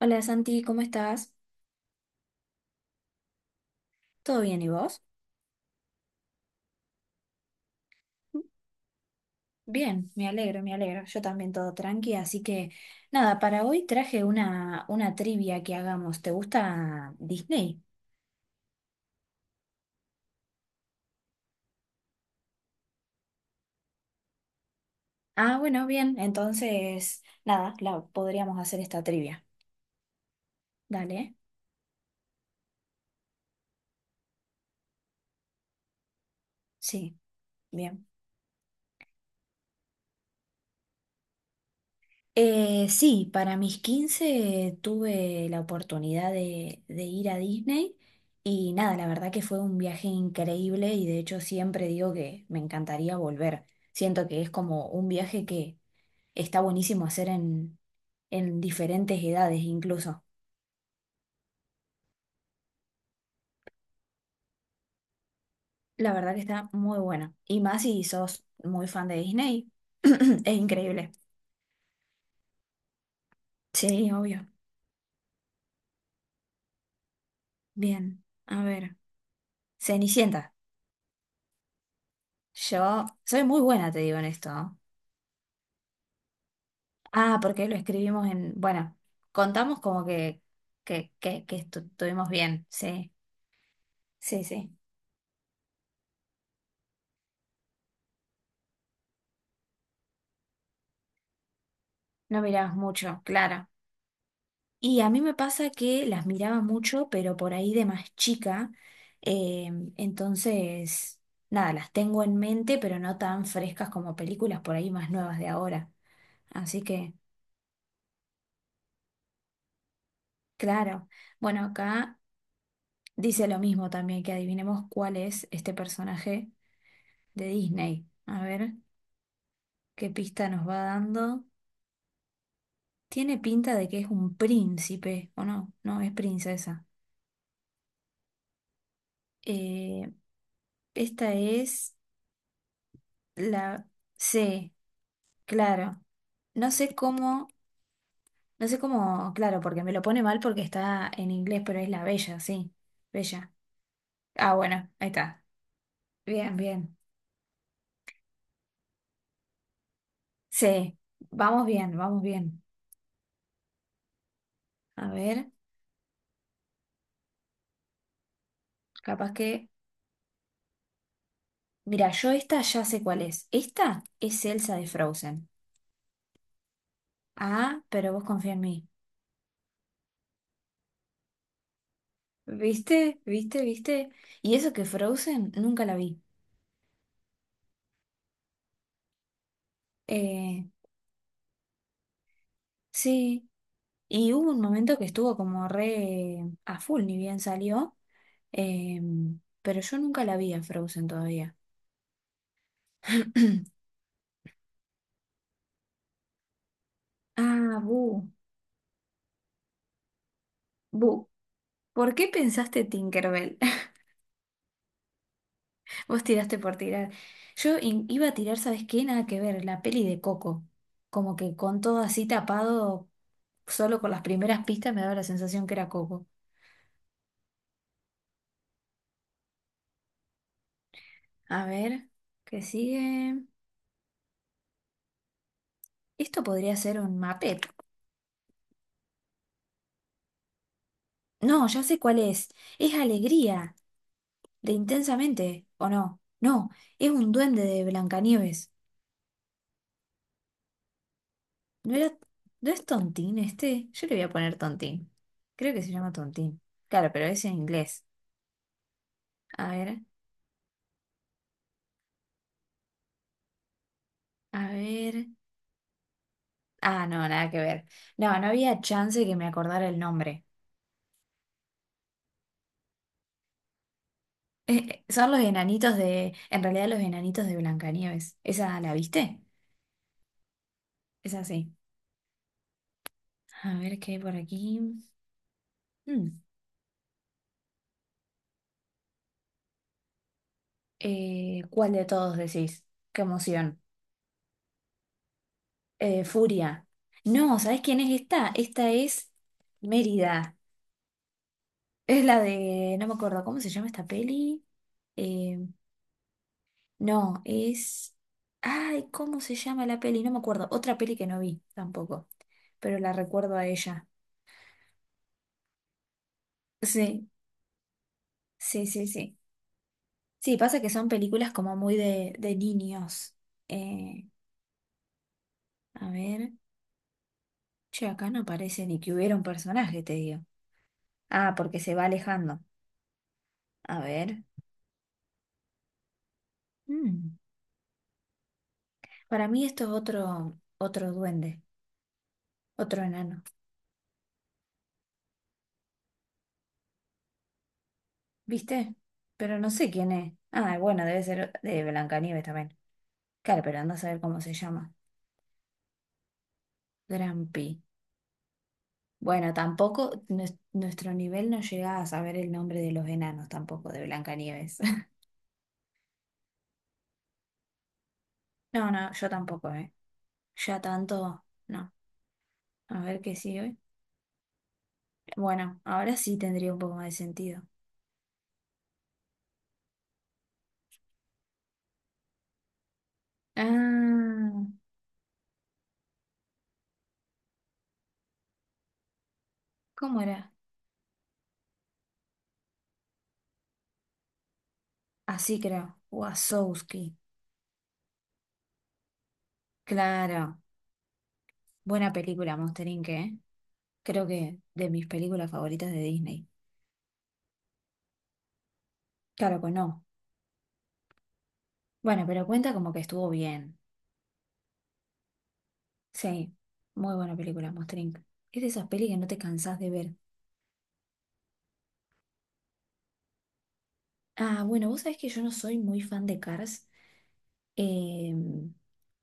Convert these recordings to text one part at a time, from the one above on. Hola Santi, ¿cómo estás? ¿Todo bien y vos? Mm. Bien, me alegro, me alegro. Yo también todo tranqui, así que nada, para hoy traje una trivia que hagamos. ¿Te gusta Disney? Ah, bueno, bien, entonces nada, la podríamos hacer esta trivia. Dale, sí, bien. Sí, para mis 15 tuve la oportunidad de ir a Disney y nada, la verdad que fue un viaje increíble y de hecho siempre digo que me encantaría volver. Siento que es como un viaje que está buenísimo hacer en diferentes edades incluso. La verdad que está muy buena. Y más si sos muy fan de Disney, es increíble. Sí, obvio. Bien, a ver. Cenicienta. Yo soy muy buena, te digo en esto, ¿eh? Ah, porque lo escribimos en, bueno, contamos como que estuvimos bien, sí, sí, sí. No mirabas mucho, claro. Y a mí me pasa que las miraba mucho, pero por ahí de más chica, eh, entonces, nada, las tengo en mente, pero no tan frescas como películas por ahí más nuevas de ahora. Así que, claro. Bueno, acá dice lo mismo también, que adivinemos cuál es este personaje de Disney. A ver, ¿qué pista nos va dando? Tiene pinta de que es un príncipe, ¿o no? No, es princesa. Eh, esta es la C, claro. No sé cómo, no sé cómo, claro, porque me lo pone mal porque está en inglés, pero es la bella, sí. Bella. Ah, bueno, ahí está. Bien, bien. C. Vamos bien, vamos bien. A ver, capaz que. Mira, yo esta ya sé cuál es. Esta es Elsa de Frozen. Ah, pero vos confía en mí. ¿Viste? ¿Viste? ¿Viste? Y eso que Frozen nunca la vi. Eh, sí, y hubo un momento que estuvo como re a full, ni bien salió, pero yo nunca la vi a Frozen todavía. Ah, Bu, Bu, ¿por qué pensaste Tinkerbell? Vos tiraste por tirar. Yo iba a tirar, ¿sabes qué? Nada que ver, la peli de Coco. Como que con todo así tapado, solo con las primeras pistas me daba la sensación que era Coco. A ver, ¿qué sigue? Esto podría ser un mapet. No, ya sé cuál es. Es Alegría, de Intensamente, ¿o no? No, es un duende de Blancanieves. ¿No era, no es Tontín este? Yo le voy a poner Tontín. Creo que se llama Tontín. Claro, pero es en inglés. A ver, a ver. Ah, no, nada que ver. No, no había chance que me acordara el nombre. Son los enanitos de, en realidad los enanitos de Blancanieves. ¿Esa la viste? Es así. A ver qué hay por aquí. Mm. ¿Cuál de todos decís? Qué emoción. Furia. No, ¿sabés quién es esta? Esta es Mérida. Es la de. No me acuerdo cómo se llama esta peli. Eh, no, es. Ay, ¿cómo se llama la peli? No me acuerdo. Otra peli que no vi tampoco. Pero la recuerdo a ella. Sí, sí, sí, sí. Sí, pasa que son películas como muy de niños. Eh, a ver. Che, acá no parece ni que hubiera un personaje, te digo. Ah, porque se va alejando. A ver. Mm. Para mí esto es otro duende, otro enano. ¿Viste? Pero no sé quién es. Ah, bueno, debe ser de Blancanieves también. Claro, pero anda a saber cómo se llama. Grampi. Bueno, tampoco nuestro nivel no llega a saber el nombre de los enanos tampoco de Blancanieves. No, no, yo tampoco, ¿eh? Ya tanto, no. A ver qué sigue. Bueno, ahora sí tendría un poco más de sentido. Ah, ¿cómo era? Así creo. Wazowski. Claro. Buena película, Monster Inc., ¿eh? Creo que de mis películas favoritas de Disney. Claro que no. Bueno, pero cuenta como que estuvo bien. Sí, muy buena película, Monster Inc. Es de esas pelis que no te cansás de ver. Ah, bueno, vos sabés que yo no soy muy fan de Cars. Em,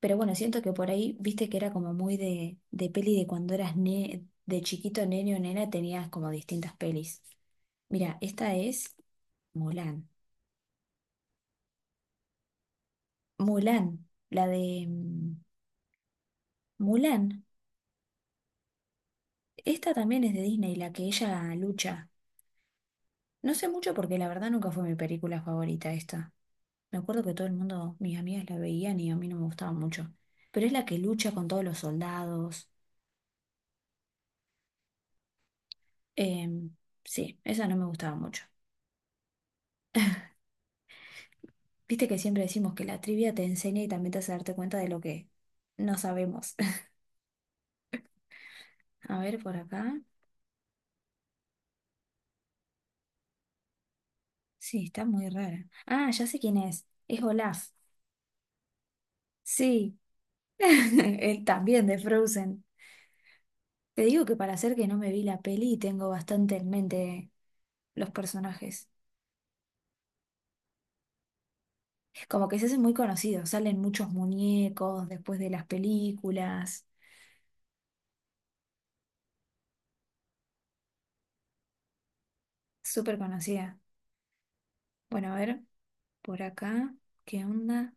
pero bueno, siento que por ahí, viste que era como muy de peli de cuando eras de chiquito, nene o nena, tenías como distintas pelis. Mira, esta es Mulan. Mulan, la de Mulan. Esta también es de Disney, la que ella lucha. No sé mucho porque la verdad nunca fue mi película favorita esta. Me acuerdo que todo el mundo, mis amigas la veían y a mí no me gustaba mucho. Pero es la que lucha con todos los soldados. Em, sí, esa no me gustaba mucho. Viste que siempre decimos que la trivia te enseña y también te hace darte cuenta de lo que no sabemos. A ver por acá. Sí, está muy rara. Ah, ya sé quién es. Es Olaf. Sí, él también de Frozen. Te digo que para hacer que no me vi la peli tengo bastante en mente los personajes. Como que se hacen muy conocidos, salen muchos muñecos después de las películas. Súper conocida. Bueno, a ver, por acá, ¿qué onda?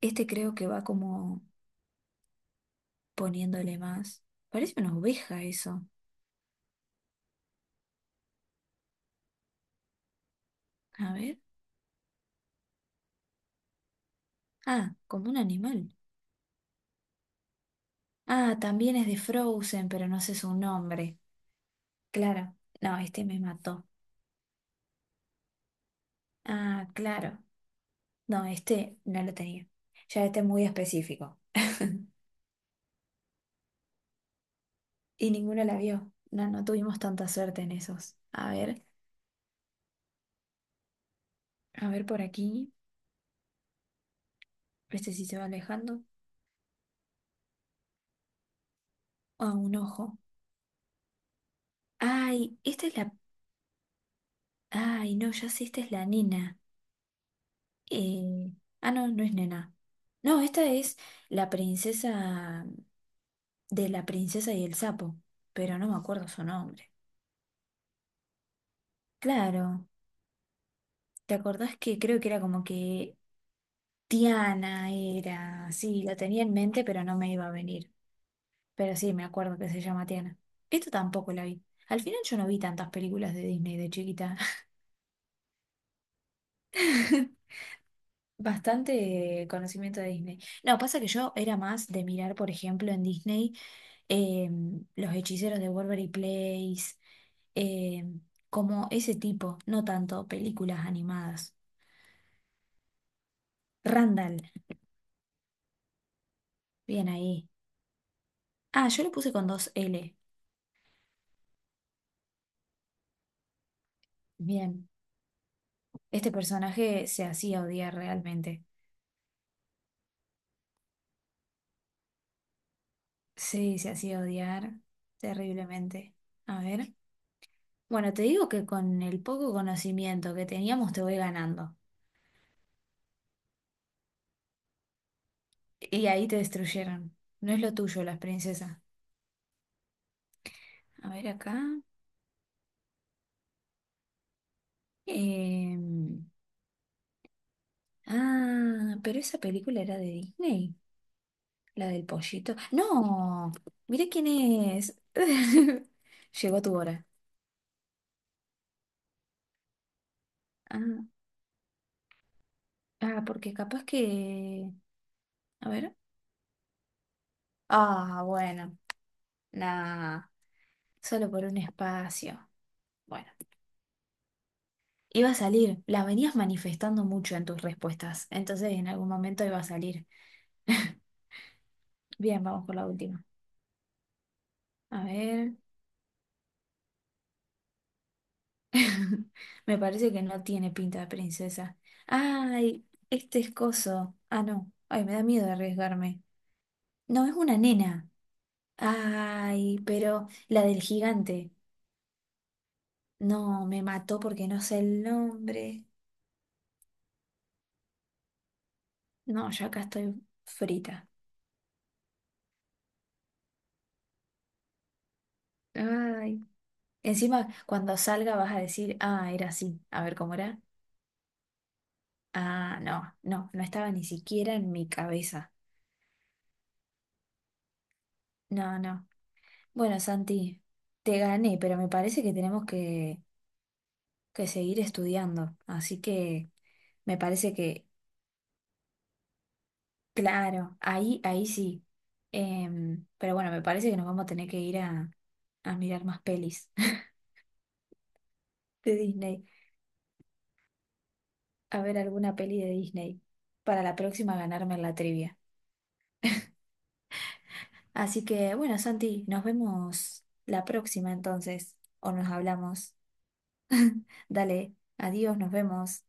Este creo que va como poniéndole más. Parece una oveja eso. A ver. Ah, como un animal. Ah, también es de Frozen, pero no sé su nombre. Claro. No, este me mató. Ah, claro. No, este no lo tenía. Ya este es muy específico. Y ninguno la vio. No, no tuvimos tanta suerte en esos. A ver por aquí. Este sí se va alejando. Ah, un ojo. Ay, esta es la. Ay, no, ya sé, esta es la nena. Eh, no, no es nena. No, esta es la princesa de la princesa y el sapo, pero no me acuerdo su nombre. Claro, ¿te acordás que creo que era como que Tiana era? Sí, la tenía en mente, pero no me iba a venir. Pero sí, me acuerdo que se llama Tiana. Esto tampoco la vi. Al final yo no vi tantas películas de Disney de chiquita. Bastante conocimiento de Disney. No, pasa que yo era más de mirar, por ejemplo, en Disney. Los hechiceros de Waverly Place, em, como ese tipo, no tanto películas animadas. Randall, bien ahí. Ah, yo lo puse con dos L. Bien. Este personaje se hacía odiar realmente. Sí, se hacía odiar terriblemente. A ver. Bueno, te digo que con el poco conocimiento que teníamos te voy ganando. Y ahí te destruyeron. No es lo tuyo, las princesas. A ver acá. Em, Ah, pero esa película era de Disney, la del pollito. No, mira quién es. Llegó tu hora. Ah, ah, porque capaz que. A ver. Ah, bueno, nada, solo por un espacio. Bueno, iba a salir, la venías manifestando mucho en tus respuestas, entonces en algún momento iba a salir. Bien, vamos por la última. A ver. Me parece que no tiene pinta de princesa. Ay, este es coso. Ah, no. Ay, me da miedo arriesgarme. No, es una nena. Ay, pero la del gigante. No, me mató porque no sé el nombre. No, ya acá estoy frita. Ay. Encima, cuando salga vas a decir, ah, era así. A ver cómo era. Ah, no, no, no estaba ni siquiera en mi cabeza. No, no. Bueno, Santi, te gané, pero me parece que tenemos que seguir estudiando. Así que me parece que, claro, ahí sí. Pero bueno, me parece que nos vamos a tener que ir a mirar más pelis de Disney, a ver alguna peli de Disney para la próxima ganarme la trivia. Así que bueno, Santi, nos vemos la próxima entonces, o nos hablamos. Dale, adiós, nos vemos.